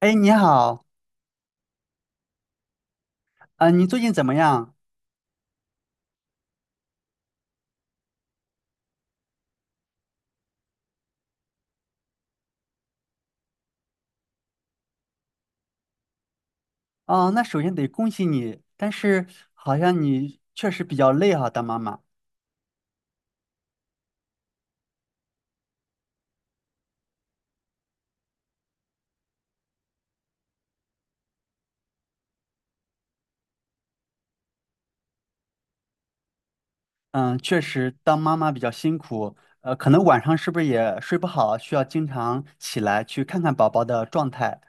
哎，你好，啊、你最近怎么样？哦，那首先得恭喜你，但是好像你确实比较累哈、当妈妈。嗯，确实当妈妈比较辛苦，可能晚上是不是也睡不好，需要经常起来去看看宝宝的状态。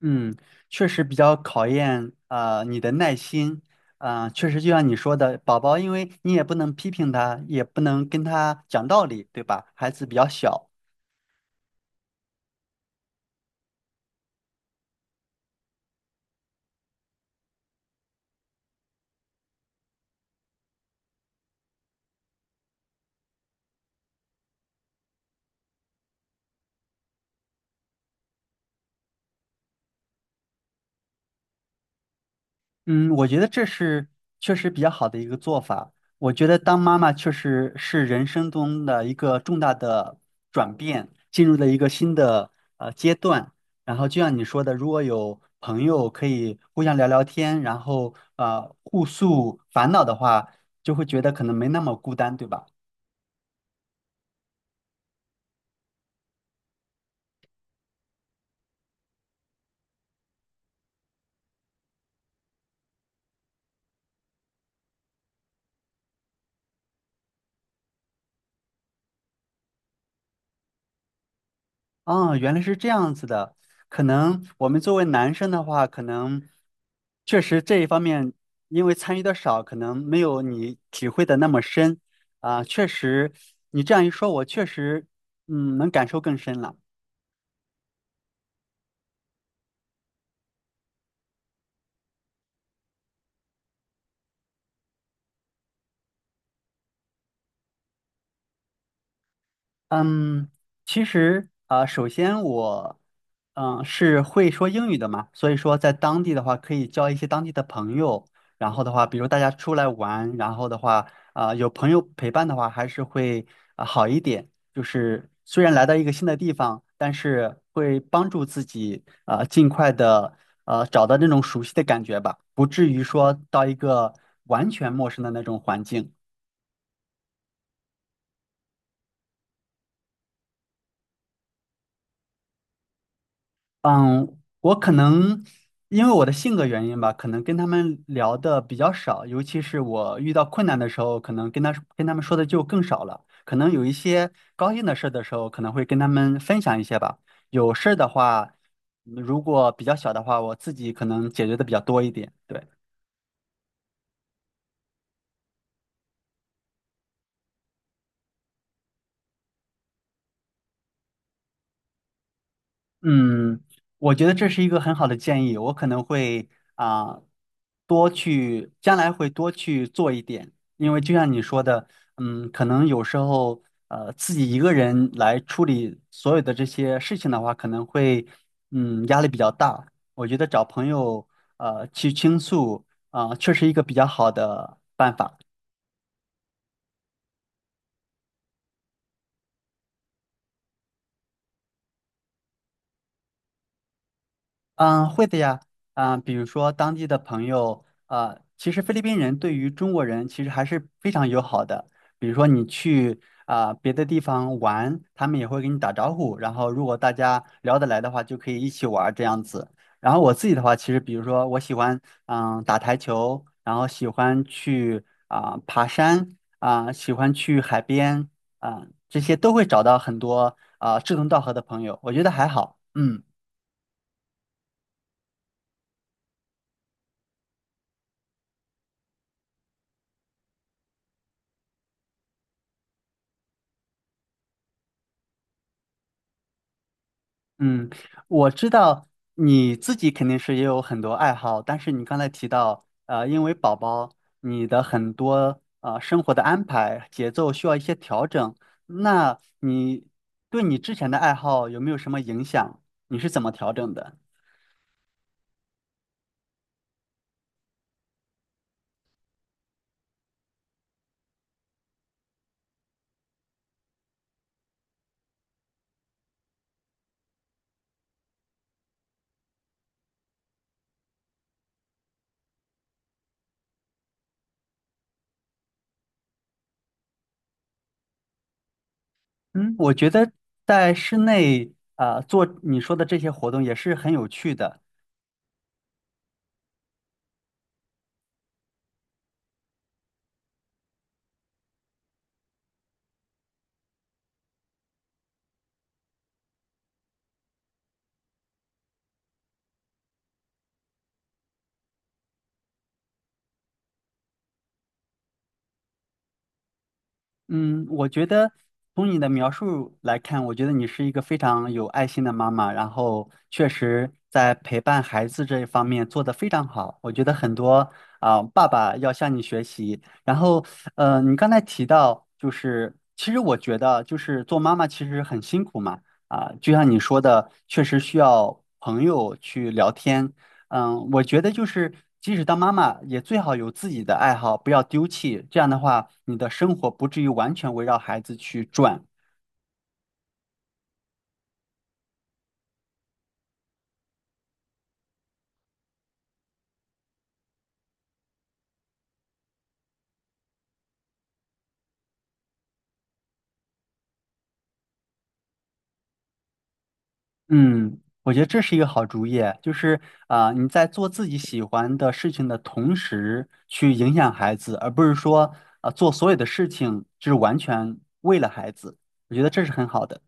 嗯，确实比较考验啊、你的耐心。啊、确实就像你说的，宝宝因为你也不能批评他，也不能跟他讲道理，对吧？孩子比较小。嗯，我觉得这是确实比较好的一个做法。我觉得当妈妈确实是人生中的一个重大的转变，进入了一个新的阶段。然后就像你说的，如果有朋友可以互相聊聊天，然后互诉烦恼的话，就会觉得可能没那么孤单，对吧？啊，原来是这样子的。可能我们作为男生的话，可能确实这一方面，因为参与的少，可能没有你体会的那么深。啊，确实，你这样一说，我确实，嗯，能感受更深了。嗯，其实啊、首先我嗯、是会说英语的嘛，所以说在当地的话可以交一些当地的朋友，然后的话，比如大家出来玩，然后的话啊、有朋友陪伴的话，还是会啊、好一点。就是虽然来到一个新的地方，但是会帮助自己啊、尽快的找到那种熟悉的感觉吧，不至于说到一个完全陌生的那种环境。嗯，我可能因为我的性格原因吧，可能跟他们聊的比较少，尤其是我遇到困难的时候，可能跟他们说的就更少了。可能有一些高兴的事的时候，可能会跟他们分享一些吧。有事儿的话，嗯如果比较小的话，我自己可能解决的比较多一点。对。嗯，我觉得这是一个很好的建议，我可能会啊、多去，将来会多去做一点，因为就像你说的，嗯，可能有时候自己一个人来处理所有的这些事情的话，可能会嗯压力比较大。我觉得找朋友去倾诉啊、确实一个比较好的办法。嗯，会的呀，啊，比如说当地的朋友，啊，其实菲律宾人对于中国人其实还是非常友好的。比如说你去啊别的地方玩，他们也会跟你打招呼，然后如果大家聊得来的话，就可以一起玩儿这样子。然后我自己的话，其实比如说我喜欢嗯打台球，然后喜欢去啊爬山，啊喜欢去海边，啊这些都会找到很多啊志同道合的朋友，我觉得还好，嗯。嗯，我知道你自己肯定是也有很多爱好，但是你刚才提到，因为宝宝，你的很多生活的安排节奏需要一些调整，那你对你之前的爱好有没有什么影响？你是怎么调整的？嗯，我觉得在室内做你说的这些活动也是很有趣的。嗯，我觉得从你的描述来看，我觉得你是一个非常有爱心的妈妈，然后确实在陪伴孩子这一方面做得非常好。我觉得很多啊，爸爸要向你学习。然后，你刚才提到，就是其实我觉得，就是做妈妈其实很辛苦嘛，啊，就像你说的，确实需要朋友去聊天，嗯，我觉得就是，即使当妈妈，也最好有自己的爱好，不要丢弃。这样的话，你的生活不至于完全围绕孩子去转。嗯，我觉得这是一个好主意，就是啊、你在做自己喜欢的事情的同时，去影响孩子，而不是说啊、做所有的事情就是完全为了孩子。我觉得这是很好的。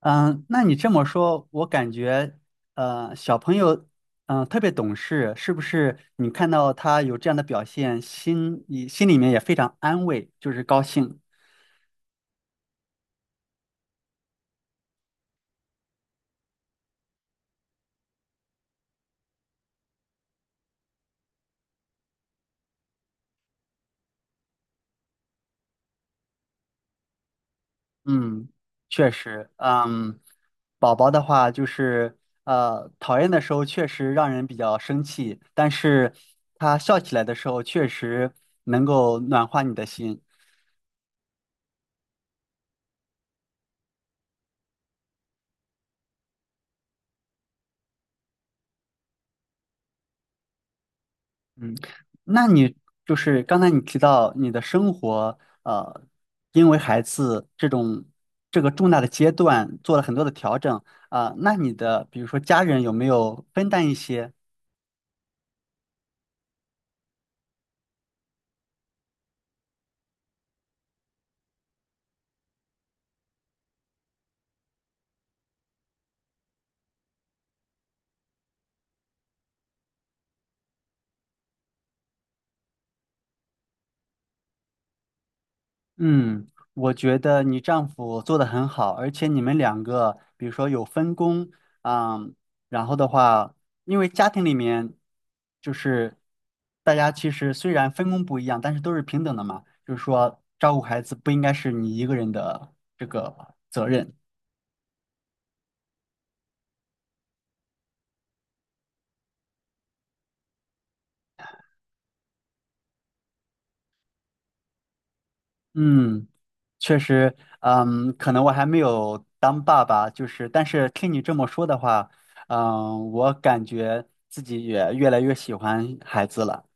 嗯，那你这么说，我感觉，小朋友，嗯、特别懂事，是不是？你看到他有这样的表现，心里面也非常安慰，就是高兴。嗯，确实，嗯，宝宝的话就是，讨厌的时候确实让人比较生气，但是他笑起来的时候，确实能够暖化你的心。嗯，那你就是刚才你提到你的生活，因为孩子这种这个重大的阶段做了很多的调整啊，那你的比如说家人有没有分担一些？嗯，我觉得你丈夫做的很好，而且你们两个，比如说有分工，啊，然后的话，因为家庭里面就是大家其实虽然分工不一样，但是都是平等的嘛，就是说照顾孩子不应该是你一个人的这个责任。嗯，确实，嗯，可能我还没有当爸爸，就是，但是听你这么说的话，嗯，我感觉自己也越来越喜欢孩子了。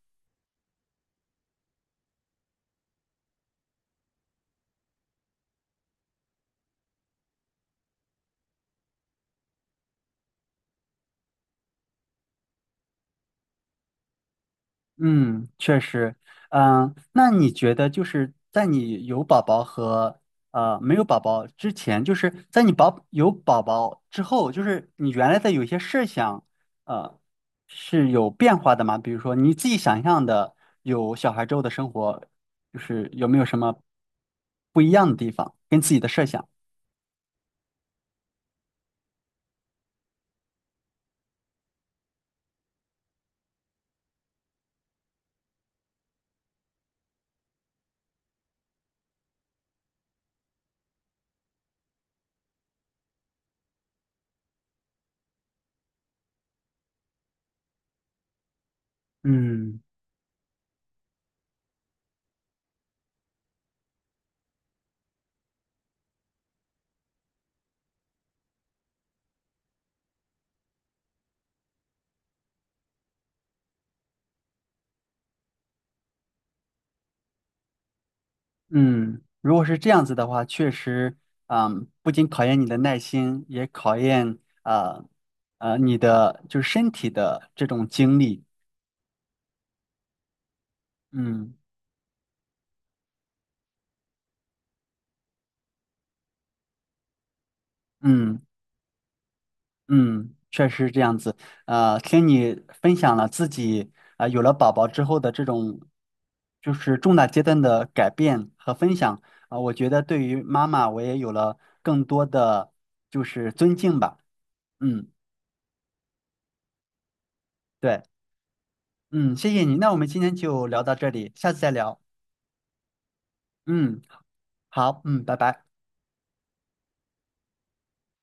嗯，确实，嗯，那你觉得就是在你有宝宝和没有宝宝之前，就是在你有宝宝之后，就是你原来的有一些设想，呃，是有变化的吗？比如说你自己想象的有小孩之后的生活，就是有没有什么不一样的地方，跟自己的设想？嗯。嗯，如果是这样子的话，确实，嗯，不仅考验你的耐心，也考验啊你的就是身体的这种精力。嗯嗯嗯，确实是这样子。听你分享了自己啊、有了宝宝之后的这种就是重大阶段的改变和分享啊、我觉得对于妈妈我也有了更多的就是尊敬吧。嗯，对，嗯，谢谢你。那我们今天就聊到这里，下次再聊。嗯，好，嗯，拜拜。